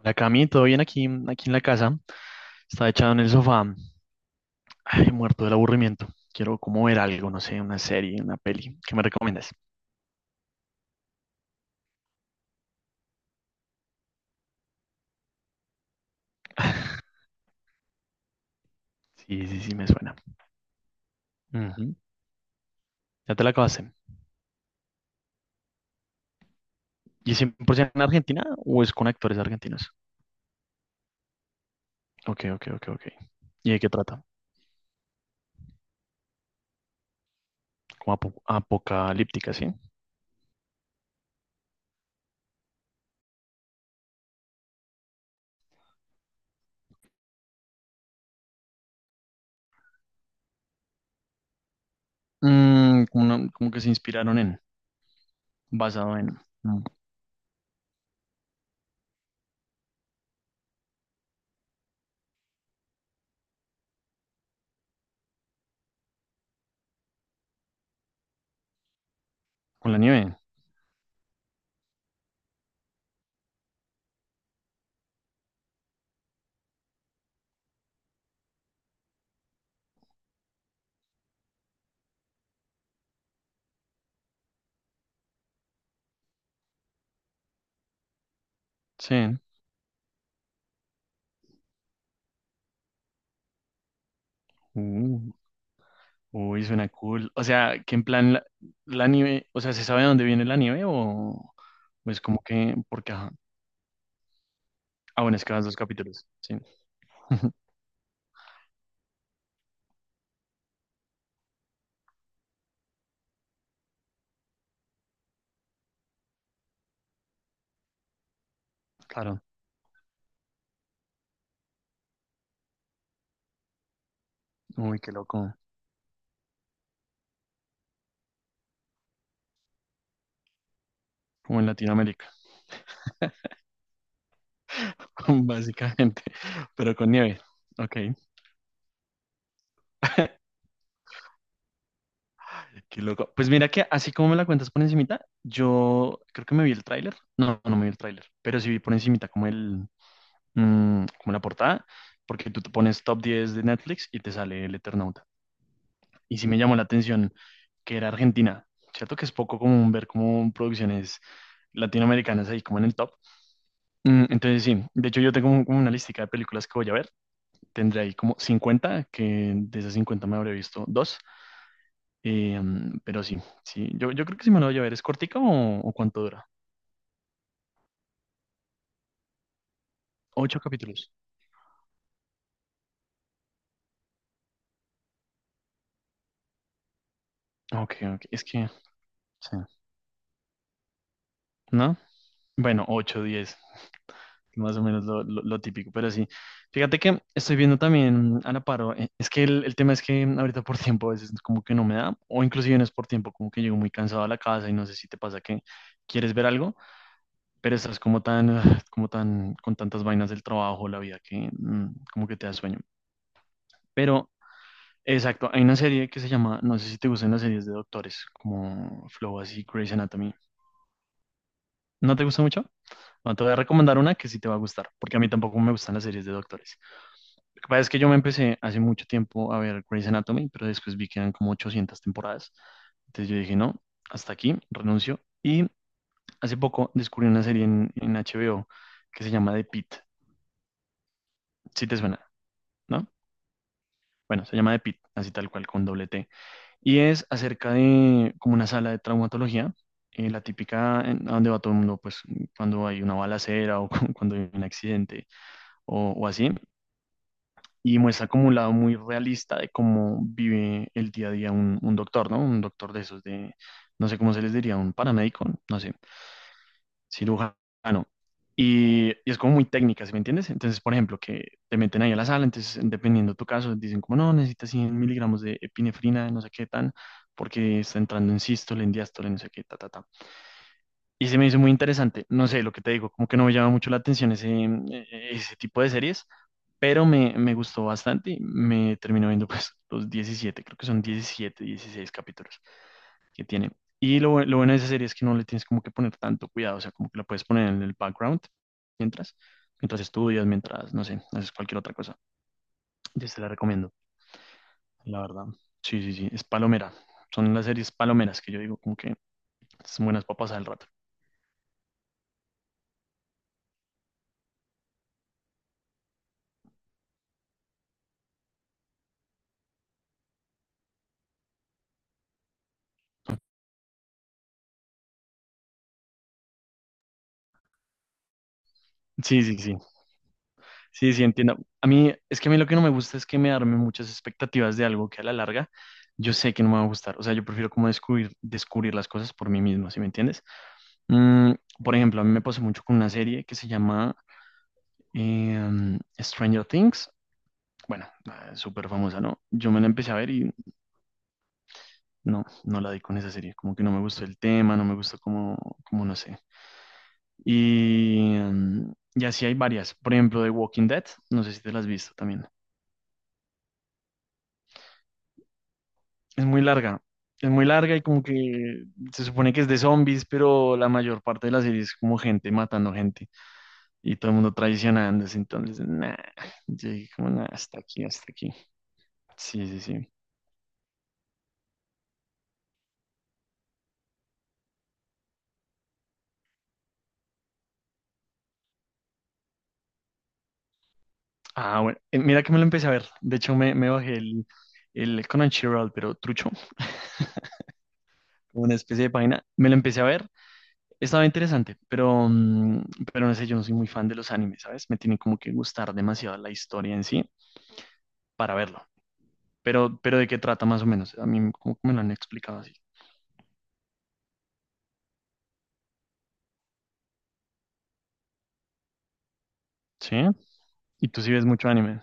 Hola Cami, ¿todo bien aquí en la casa? Estaba echado en el sofá, ay, muerto del aburrimiento. Quiero como ver algo, no sé, una serie, una peli. ¿Qué me recomiendas? Sí, sí, sí, me suena. Ujú, ya te la acabaste. ¿Y es 100% en Argentina o es con actores argentinos? Ok, ok, ok, ok. ¿Y de qué trata? Como apocalíptica, ¿sí? Mm, como, como que se inspiraron en, basado en, mm, con la nieve. Sí. Uy, suena cool. O sea, que en plan la nieve, o sea, ¿se sabe de dónde viene la nieve o es como que, porque, ajá? Ah, bueno, es que van dos capítulos, sí. Claro. Uy, qué loco. Como en Latinoamérica, básicamente, pero con nieve. Ok, qué loco. Pues mira que así como me la cuentas por encimita, yo creo que me vi el tráiler. No, no me vi el tráiler, pero sí vi por encimita como el, mm, como la portada, porque tú te pones top 10 de Netflix y te sale el Eternauta. Y sí me llamó la atención que era Argentina. Cierto que es poco común ver como producciones latinoamericanas ahí como en el top. Mm, entonces sí, de hecho yo tengo como una listica de películas que voy a ver. Tendré ahí como cincuenta, que de esas 50 me habré visto dos. Pero sí, sí, yo creo que sí me lo voy a ver. ¿Es cortica o cuánto dura? Ocho capítulos. Ok, ok, es que, sí, ¿no? Bueno, ocho, diez, más o menos lo típico, pero sí. Fíjate que estoy viendo también a la paro. Es que el tema es que ahorita por tiempo a veces como que no me da, o inclusive no es por tiempo, como que llego muy cansado a la casa y no sé si te pasa que quieres ver algo, pero estás como tan, ah, como tan, con tantas vainas del trabajo, la vida, que como que te da sueño. Pero, exacto, hay una serie que se llama, no sé si te gustan las series de doctores, como Flow así, Grey's Anatomy. ¿No te gusta mucho? Bueno, te voy a recomendar una que sí te va a gustar, porque a mí tampoco me gustan las series de doctores. Lo que pasa es que yo me empecé hace mucho tiempo a ver Grey's Anatomy, pero después vi que eran como 800 temporadas. Entonces yo dije, no, hasta aquí, renuncio. Y hace poco descubrí una serie en HBO que se llama The Pitt, si te suena, ¿no? Bueno, se llama The Pitt, así tal cual, con doble T. Y es acerca de como una sala de traumatología, la típica a donde va todo el mundo, pues cuando hay una balacera o cuando hay un accidente o así. Y muestra como un lado muy realista de cómo vive el día a día un doctor, ¿no? Un doctor de esos de, no sé cómo se les diría, un paramédico, no sé, cirujano. Y es como muy técnica, ¿sí me entiendes? Entonces, por ejemplo, que te meten ahí a la sala, entonces, dependiendo de tu caso, dicen como, no, necesitas 100 miligramos de epinefrina, no sé qué tan, porque está entrando en sístole, en diástole, no sé qué, ta, ta, ta. Y se me hizo muy interesante. No sé, lo que te digo, como que no me llama mucho la atención ese tipo de series, pero me gustó bastante. Y me terminó viendo pues los diecisiete, creo que son 17 16 capítulos que tiene. Y lo bueno de esa serie es que no le tienes como que poner tanto cuidado, o sea, como que la puedes poner en el background mientras, mientras estudias, mientras, no sé, haces cualquier otra cosa. Yo te la recomiendo, la verdad. Sí, sí, sí, es palomera. Son las series palomeras que yo digo como que son buenas papas al rato. Sí, sí, sí. Sí, sí, entiendo. A mí, es que a mí lo que no me gusta es que me arme muchas expectativas de algo que a la larga yo sé que no me va a gustar. O sea, yo prefiero como descubrir las cosas por mí mismo, ¿sí me entiendes? Mm, por ejemplo, a mí me pasó mucho con una serie que se llama Stranger Things. Bueno, súper famosa, ¿no? Yo me la empecé a ver y no, no la di con esa serie. Como que no me gustó el tema, no me gustó como no sé. Y, mm, y así hay varias. Por ejemplo, The Walking Dead, no sé si te las has visto también. Es muy larga. Es muy larga y como que se supone que es de zombies, pero la mayor parte de la serie es como gente matando gente y todo el mundo traicionándose. Entonces, nah, yo dije como, nah, hasta aquí. Sí, sí, sí. Ah, bueno, mira que me lo empecé a ver. De hecho, me bajé el Crunchyroll, pero trucho, como una especie de página. Me lo empecé a ver. Estaba interesante, pero, mm, pero no sé, yo no soy muy fan de los animes, ¿sabes? Me tiene como que gustar demasiado la historia en sí para verlo. Pero ¿de qué trata más o menos? A mí como que me lo han explicado así. ¿Sí? ¿Y tú sí ves mucho anime?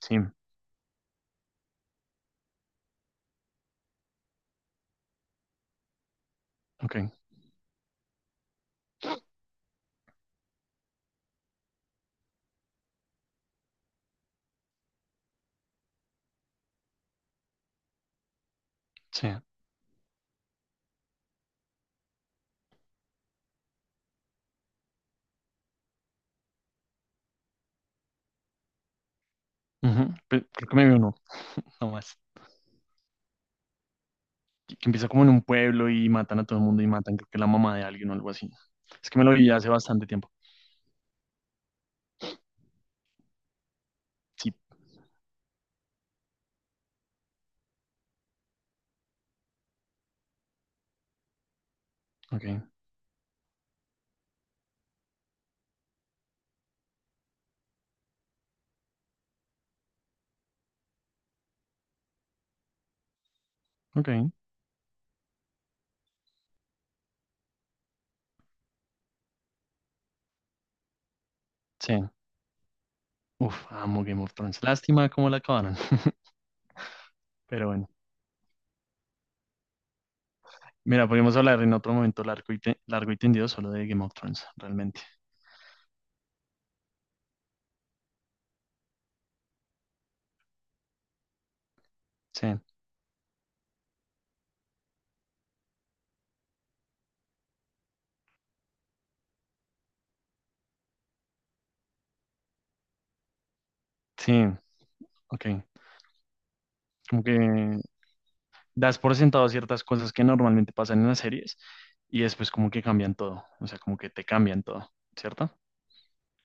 Sí. Ok. Sí. Ujú. Creo que me vi uno, nomás. Que empieza como en un pueblo y matan a todo el mundo y matan, creo que la mamá de alguien o algo así. Es que me lo vi hace bastante tiempo. Sí. Ok. Ok. Sí. Uf, amo Game of Thrones. Lástima cómo la acabaron. Pero bueno. Mira, podemos hablar en otro momento largo y largo y tendido solo de Game of Thrones, realmente. Sí. Sí. Ok. Como que das por sentado ciertas cosas que normalmente pasan en las series y después como que cambian todo, o sea, como que te cambian todo, ¿cierto?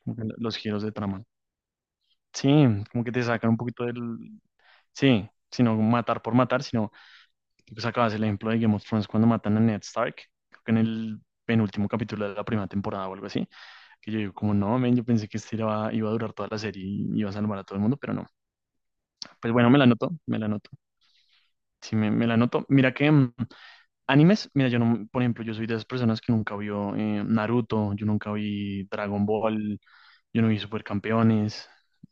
Como que los giros de trama. Sí, como que te sacan un poquito del... Sí, sino matar por matar, sino tú sacabas el ejemplo de Game of Thrones cuando matan a Ned Stark, creo que en el penúltimo capítulo de la primera temporada o algo así, que yo digo como no, men, yo pensé que este iba a durar toda la serie y iba a salvar a todo el mundo, pero no. Pues bueno, me la noto. Sí, me la noto. Mira que... mm, animes, mira, yo no, por ejemplo, yo soy de esas personas que nunca vio Naruto, yo nunca vi Dragon Ball, yo no vi Supercampeones,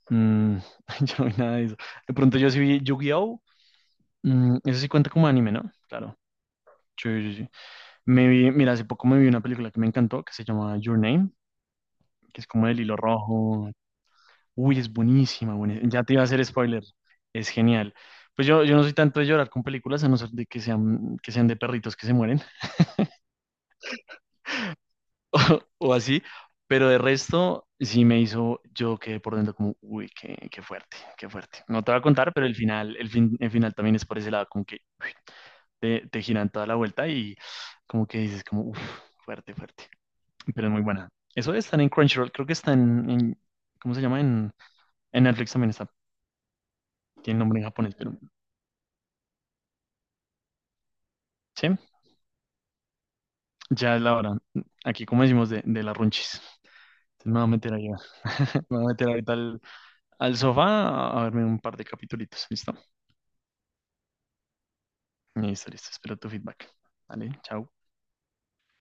mm, yo no vi nada de eso. De pronto yo sí vi Yu-Gi-Oh! Mm, eso sí cuenta como anime, ¿no? Claro. Sí, sí, sí. Me vi, mira, hace poco me vi una película que me encantó, que se llama Your Name, que es como el hilo rojo. Uy, es buenísima, buenísima. Ya te iba a hacer spoiler. Es genial. Pues yo no soy tanto de llorar con películas, a no ser de que sean de perritos que se mueren, o así, pero de resto sí me hizo, yo quedé por dentro como, uy, qué, qué fuerte, qué fuerte. No te voy a contar, pero el final, el final también es por ese lado, como que te giran toda la vuelta y como que dices como, uff, fuerte, fuerte, pero es muy buena. Eso de estar en Crunchyroll, creo que está ¿cómo se llama? En Netflix también está, tiene nombre en japonés, pero sí, ya es la hora. Aquí, como decimos, de las runchis. Entonces me voy a meter allá. Me voy a meter ahorita al sofá a verme un par de capitulitos, ¿listo? Listo, listo. Espero tu feedback. Vale, chao.